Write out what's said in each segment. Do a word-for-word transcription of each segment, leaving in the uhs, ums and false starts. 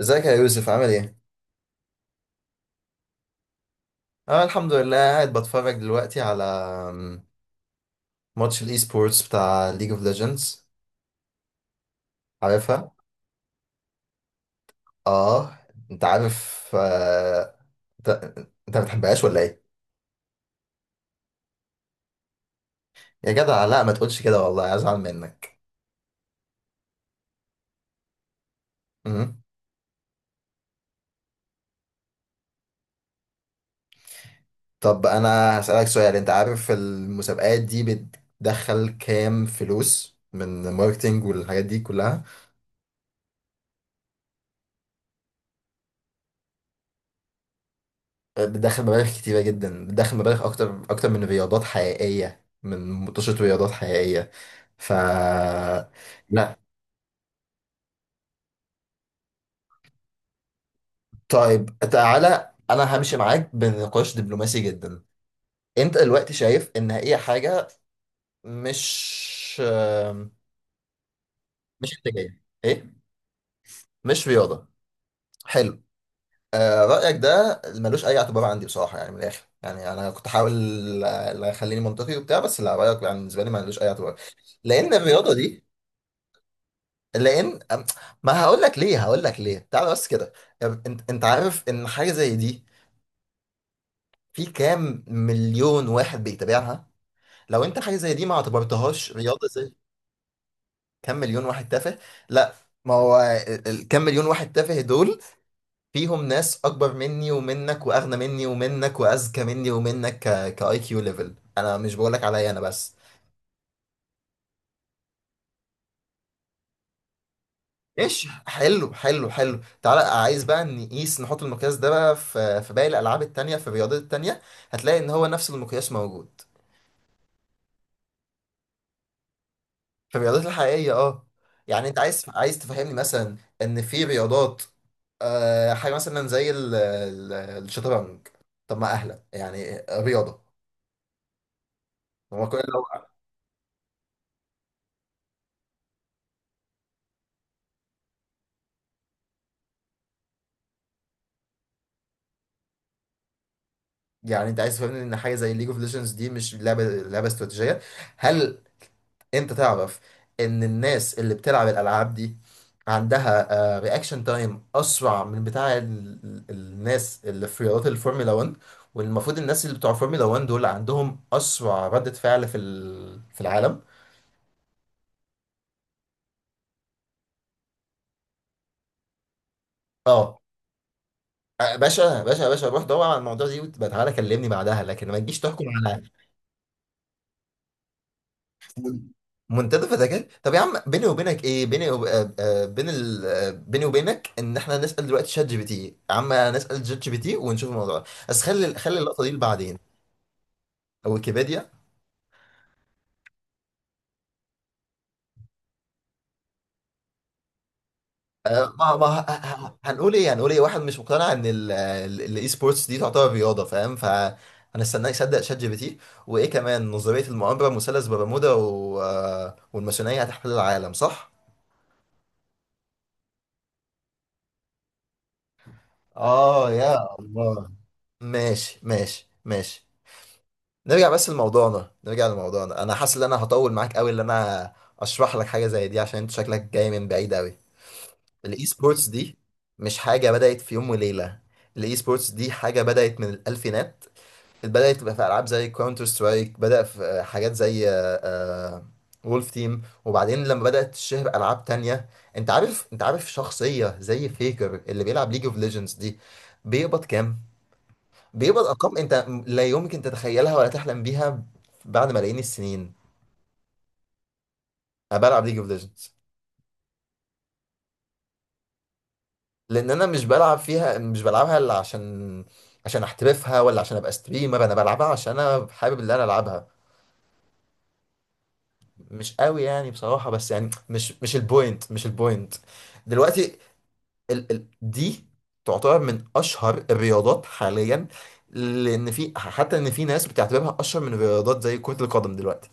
ازيك يا يوسف، عامل ايه؟ اه الحمد لله، قاعد بتفرج دلوقتي على أم، ماتش الاي سبورتس بتاع ليج اوف ليجندز، عارفها؟ اه، انت عارف آه... انت انت ما بتحبهاش ولا ايه؟ يا جدع لا، ما تقولش كده والله هزعل منك. مم. طب انا هسألك سؤال، انت عارف المسابقات دي بتدخل كام فلوس من ماركتينج والحاجات دي كلها؟ بتدخل مبالغ كتيرة جدا، بتدخل مبالغ أكتر أكتر من رياضات حقيقية، من مطوشة رياضات حقيقية. ف لا. طيب تعالى أنا همشي معاك بنقاش دبلوماسي جدا. أنت دلوقتي شايف إن هي حاجة مش مش إنتاجية، إيه؟ مش رياضة، حلو. آه، رأيك ده ملوش أي اعتبار عندي بصراحة، يعني من الآخر، يعني أنا كنت أحاول آه، أخليني منطقي وبتاع، بس لا، رأيك يعني بالنسبة لي ملوش أي اعتبار. لأن الرياضة دي لان أم- ما هقول لك ليه، هقول لك ليه، تعال بس كده. انت انت عارف ان حاجه زي دي في كام مليون واحد بيتابعها؟ لو انت حاجه زي دي ما اعتبرتهاش رياضه زي كام مليون واحد تافه؟ لا، ما هو ال- ال- كام مليون واحد تافه دول فيهم ناس اكبر مني ومنك، واغنى مني ومنك، واذكى مني ومنك. كاي كيو ليفل، انا مش بقولك عليا انا بس. ايش، حلو حلو حلو، تعالى عايز بقى نقيس، نحط المقياس ده بقى في في باقي الالعاب التانية، في الرياضات التانية هتلاقي ان هو نفس المقياس موجود. في الرياضات الحقيقية، اه. يعني انت عايز عايز تفهمني مثلا ان في رياضات، آه، حاجة مثلا زي ال- ال- الشطرنج. طب ما اهلا، يعني رياضة. هو كل لو، يعني انت عايز تفهمني ان حاجة زي ليج اوف ليجندز دي مش لعبة، لعبة استراتيجية؟ هل انت تعرف ان الناس اللي بتلعب الالعاب دي عندها رياكشن تايم اسرع من بتاع ال- ال- الناس اللي في رياضات الفورمولا واحد، والمفروض الناس اللي بتوع الفورمولا واحد دول عندهم اسرع ردة فعل في ال- في العالم. اه. آه، باشا باشا باشا، روح دور على الموضوع دي وتبقى تعالى كلمني بعدها، لكن ما تجيش تحكم. منتدى فتكات؟ طب يا عم، بيني وبينك ايه؟ بيني وب... آه، آه، بين ال... آه، بيني وبينك ان احنا نسال دلوقتي شات جي بي تي. يا عم نسال شات جي بي تي ونشوف الموضوع ده. بس خلي خلي اللقطه دي لبعدين. او ويكيبيديا. آه، ما ما ه- ه- هنقول ايه، هنقول ايه واحد مش مقتنع ان الاي سبورتس دي تعتبر رياضه، فاهم؟ ف هنستناه يصدق شات جي بي تي؟ وايه كمان، نظريه المؤامره، مثلث برمودا و... آه، والماسونيه هتحتل العالم، صح؟ اه يا الله. ماشي ماشي ماشي. نرجع بس لموضوعنا، نرجع لموضوعنا، انا حاسس ان انا هطول معاك قوي، ان انا اشرح لك حاجه زي دي عشان انت شكلك جاي من بعيد قوي. الاي سبورتس دي مش حاجه بدات في يوم وليله، الاي سبورتس دي حاجه بدات من الالفينات، بدات تبقى في العاب زي كاونتر سترايك، بدا في آه، حاجات زي وولف تيم، وبعدين لما بدات تشهر العاب تانية. انت عارف، انت عارف شخصيه زي فيكر اللي بيلعب ليج اوف ليجندز دي بيقبض كام؟ بيقبض ارقام انت لا يمكن تتخيلها ولا تحلم بيها بعد ملايين السنين. انا بلعب ليج اوف ليجندز لان انا مش بلعب فيها، مش بلعبها الا عشان عشان احترفها، ولا عشان ابقى ستريمر. انا بلعبها عشان انا حابب اللي انا العبها، مش قوي يعني بصراحه، بس يعني مش مش البوينت، مش البوينت دلوقتي. ال ال دي تعتبر من اشهر الرياضات حاليا، لان في، حتى ان في ناس بتعتبرها اشهر من الرياضات زي كره القدم دلوقتي.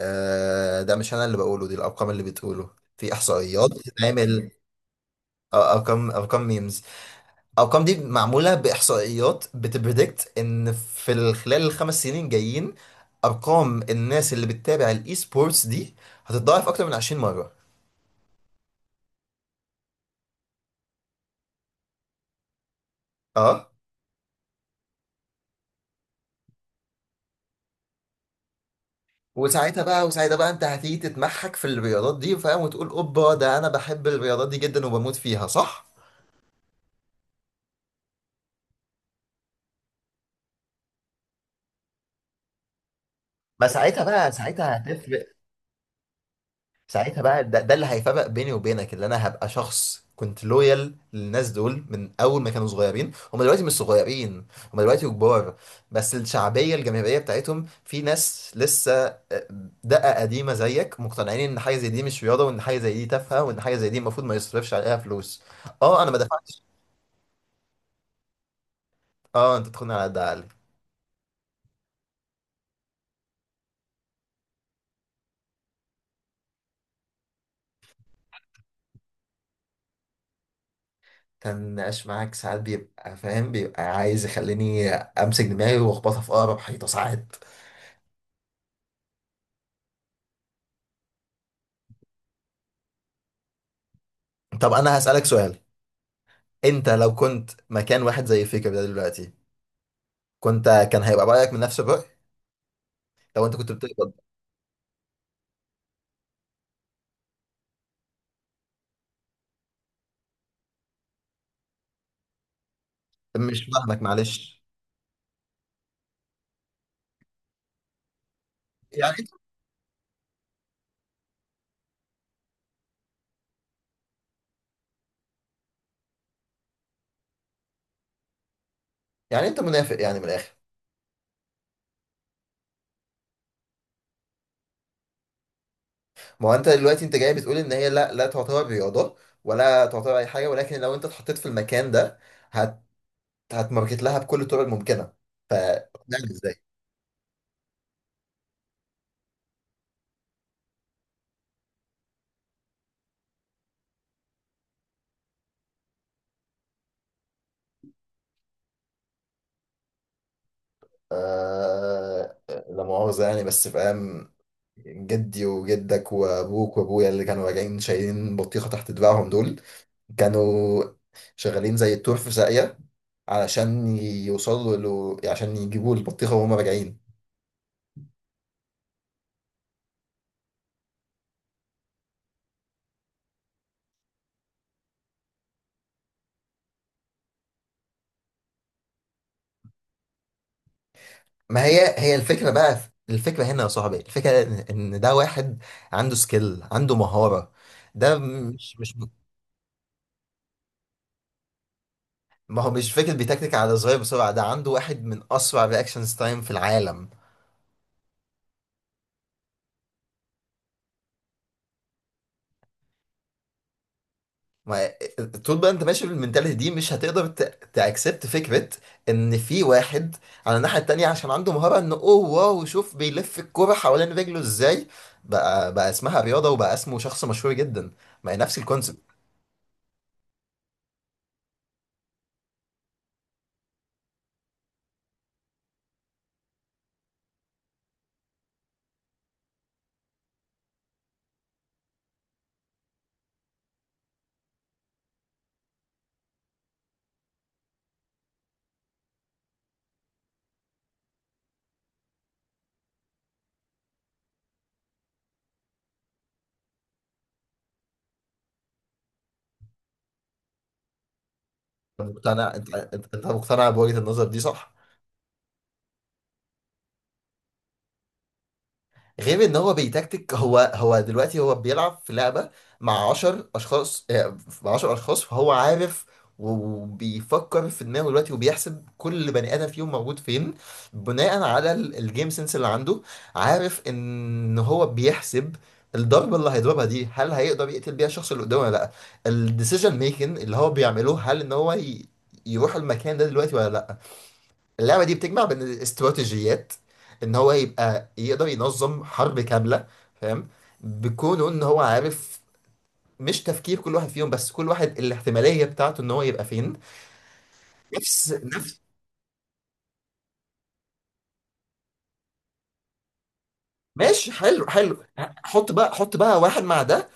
آه، ده مش انا اللي بقوله، دي الارقام اللي بتقوله، في احصائيات بتتعمل. آه، ارقام ارقام ميمز. الارقام دي معموله باحصائيات بتبريدكت ان في ال- خلال الخمس سنين جايين ارقام الناس اللي بتتابع الاي سبورتس دي هتتضاعف اكتر من عشرين مره. اه. وساعتها بقى، وساعتها بقى انت هتيجي تتمحك في الرياضات دي، فاهم، وتقول اوبا ده انا بحب الرياضات دي جدا وبموت فيها، صح؟ ما ساعتها بقى، ساعتها هتفرق. ساعتها بقى، ده, ده اللي هيفرق بيني وبينك، اللي انا هبقى شخص كنت لويال للناس دول من اول ما كانوا صغيرين، هم دلوقتي مش صغيرين، هم دلوقتي كبار. بس الشعبيه الجماهيريه بتاعتهم في ناس لسه آه، دقه قديمه زيك، مقتنعين ان حاجه زي دي مش رياضه، وان حاجه زي دي تافهه، وان حاجه زي دي المفروض ما يصرفش عليها فلوس. اه انا ما دفعتش. اه، انت تاخدني على قد عقلي. كان النقاش معاك ساعات بيبقى، فاهم، بيبقى عايز يخليني امسك دماغي واخبطها في اقرب حيطه ساعات. طب انا هسالك سؤال، انت لو كنت مكان واحد زي فيكر ده دلوقتي، كنت كان هيبقى رايك من نفس الراي لو انت كنت بتقبض؟ مش فاهمك معلش. يعني انت، يعني انت منافق يعني من الاخر؟ ما هو انت دلوقتي، انت جاي بتقول ان هي لا، لا تعتبر رياضه، ولا تعتبر اي حاجه، ولكن لو انت اتحطيت في المكان ده هت هتماركت لها بكل الطرق الممكنه. ف يعني ازاي؟ آه... لا مؤاخذه يعني، بس فاهم، جدي وجدك وابوك وابويا اللي كانوا راجعين شايلين بطيخه تحت دراعهم دول كانوا شغالين زي التور في ساقية، علشان يوصلوا له عشان يجيبوا البطيخة وهم راجعين. ما هي هي الفكرة بقى، الفكرة هنا يا صاحبي، الفكرة إن إن ده واحد عنده سكيل، عنده مهارة. ده مش مش ما هو مش فكرة بيتكتك على صغير بسرعة، ده عنده واحد من أسرع رياكشنز تايم في العالم. ما طول بقى انت ماشي بالمنتاليتي دي مش هتقدر تاكسبت فكره ان في واحد على الناحيه التانيه، عشان عنده مهاره ان اوه واو شوف بيلف الكوره حوالين رجله ازاي، بقى بقى اسمها رياضه وبقى اسمه شخص مشهور جدا. ما هي نفس الكونسيبت. انت مقتنع، انت انت أنت مقتنع بوجهه النظر دي، صح؟ غير ان هو بيتكتك. هو هو دلوقتي هو بيلعب في لعبة مع عشرة اشخاص، آه، مع عشرة اشخاص، فهو عارف، وبيفكر في دماغه دلوقتي، وبيحسب كل بني ادم فيهم موجود فين بناء على ال- الجيم سنس اللي عنده. عارف ان هو بيحسب الضربة اللي هيضربها دي، هل هيقدر يقتل بيها الشخص اللي قدامه ولا لا؟ الديسيجن ميكنج اللي هو بيعمله، هل ان هو ي- يروح المكان ده دلوقتي ولا لا؟ اللعبة دي بتجمع بين الاستراتيجيات، ان هو يبقى يقدر ينظم حرب كاملة، فاهم، بكونه ان هو عارف مش تفكير كل واحد فيهم بس، كل واحد الاحتمالية بتاعته ان هو يبقى فين. نفس نفس، ماشي، حلو حلو. حط بقى، حط بقى واحد مع ده،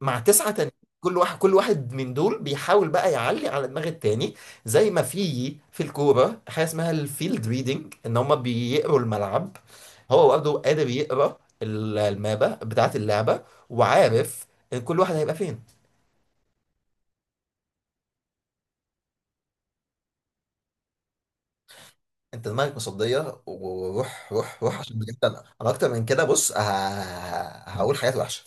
مع تسعة تانيين، كل واحد كل واحد من دول بيحاول بقى يعلي على دماغ التاني. زي ما في في الكورة حاجة اسمها الفيلد ريدنج ان هما بيقروا الملعب، هو برضه قادر يقرا ال- المابة بتاعة اللعبة، وعارف ان كل واحد هيبقى فين. انت دماغك مصدية، وروح روح روح، عشان بجد انا انا اكتر من كده. بص ه- هقول حاجات وحشة.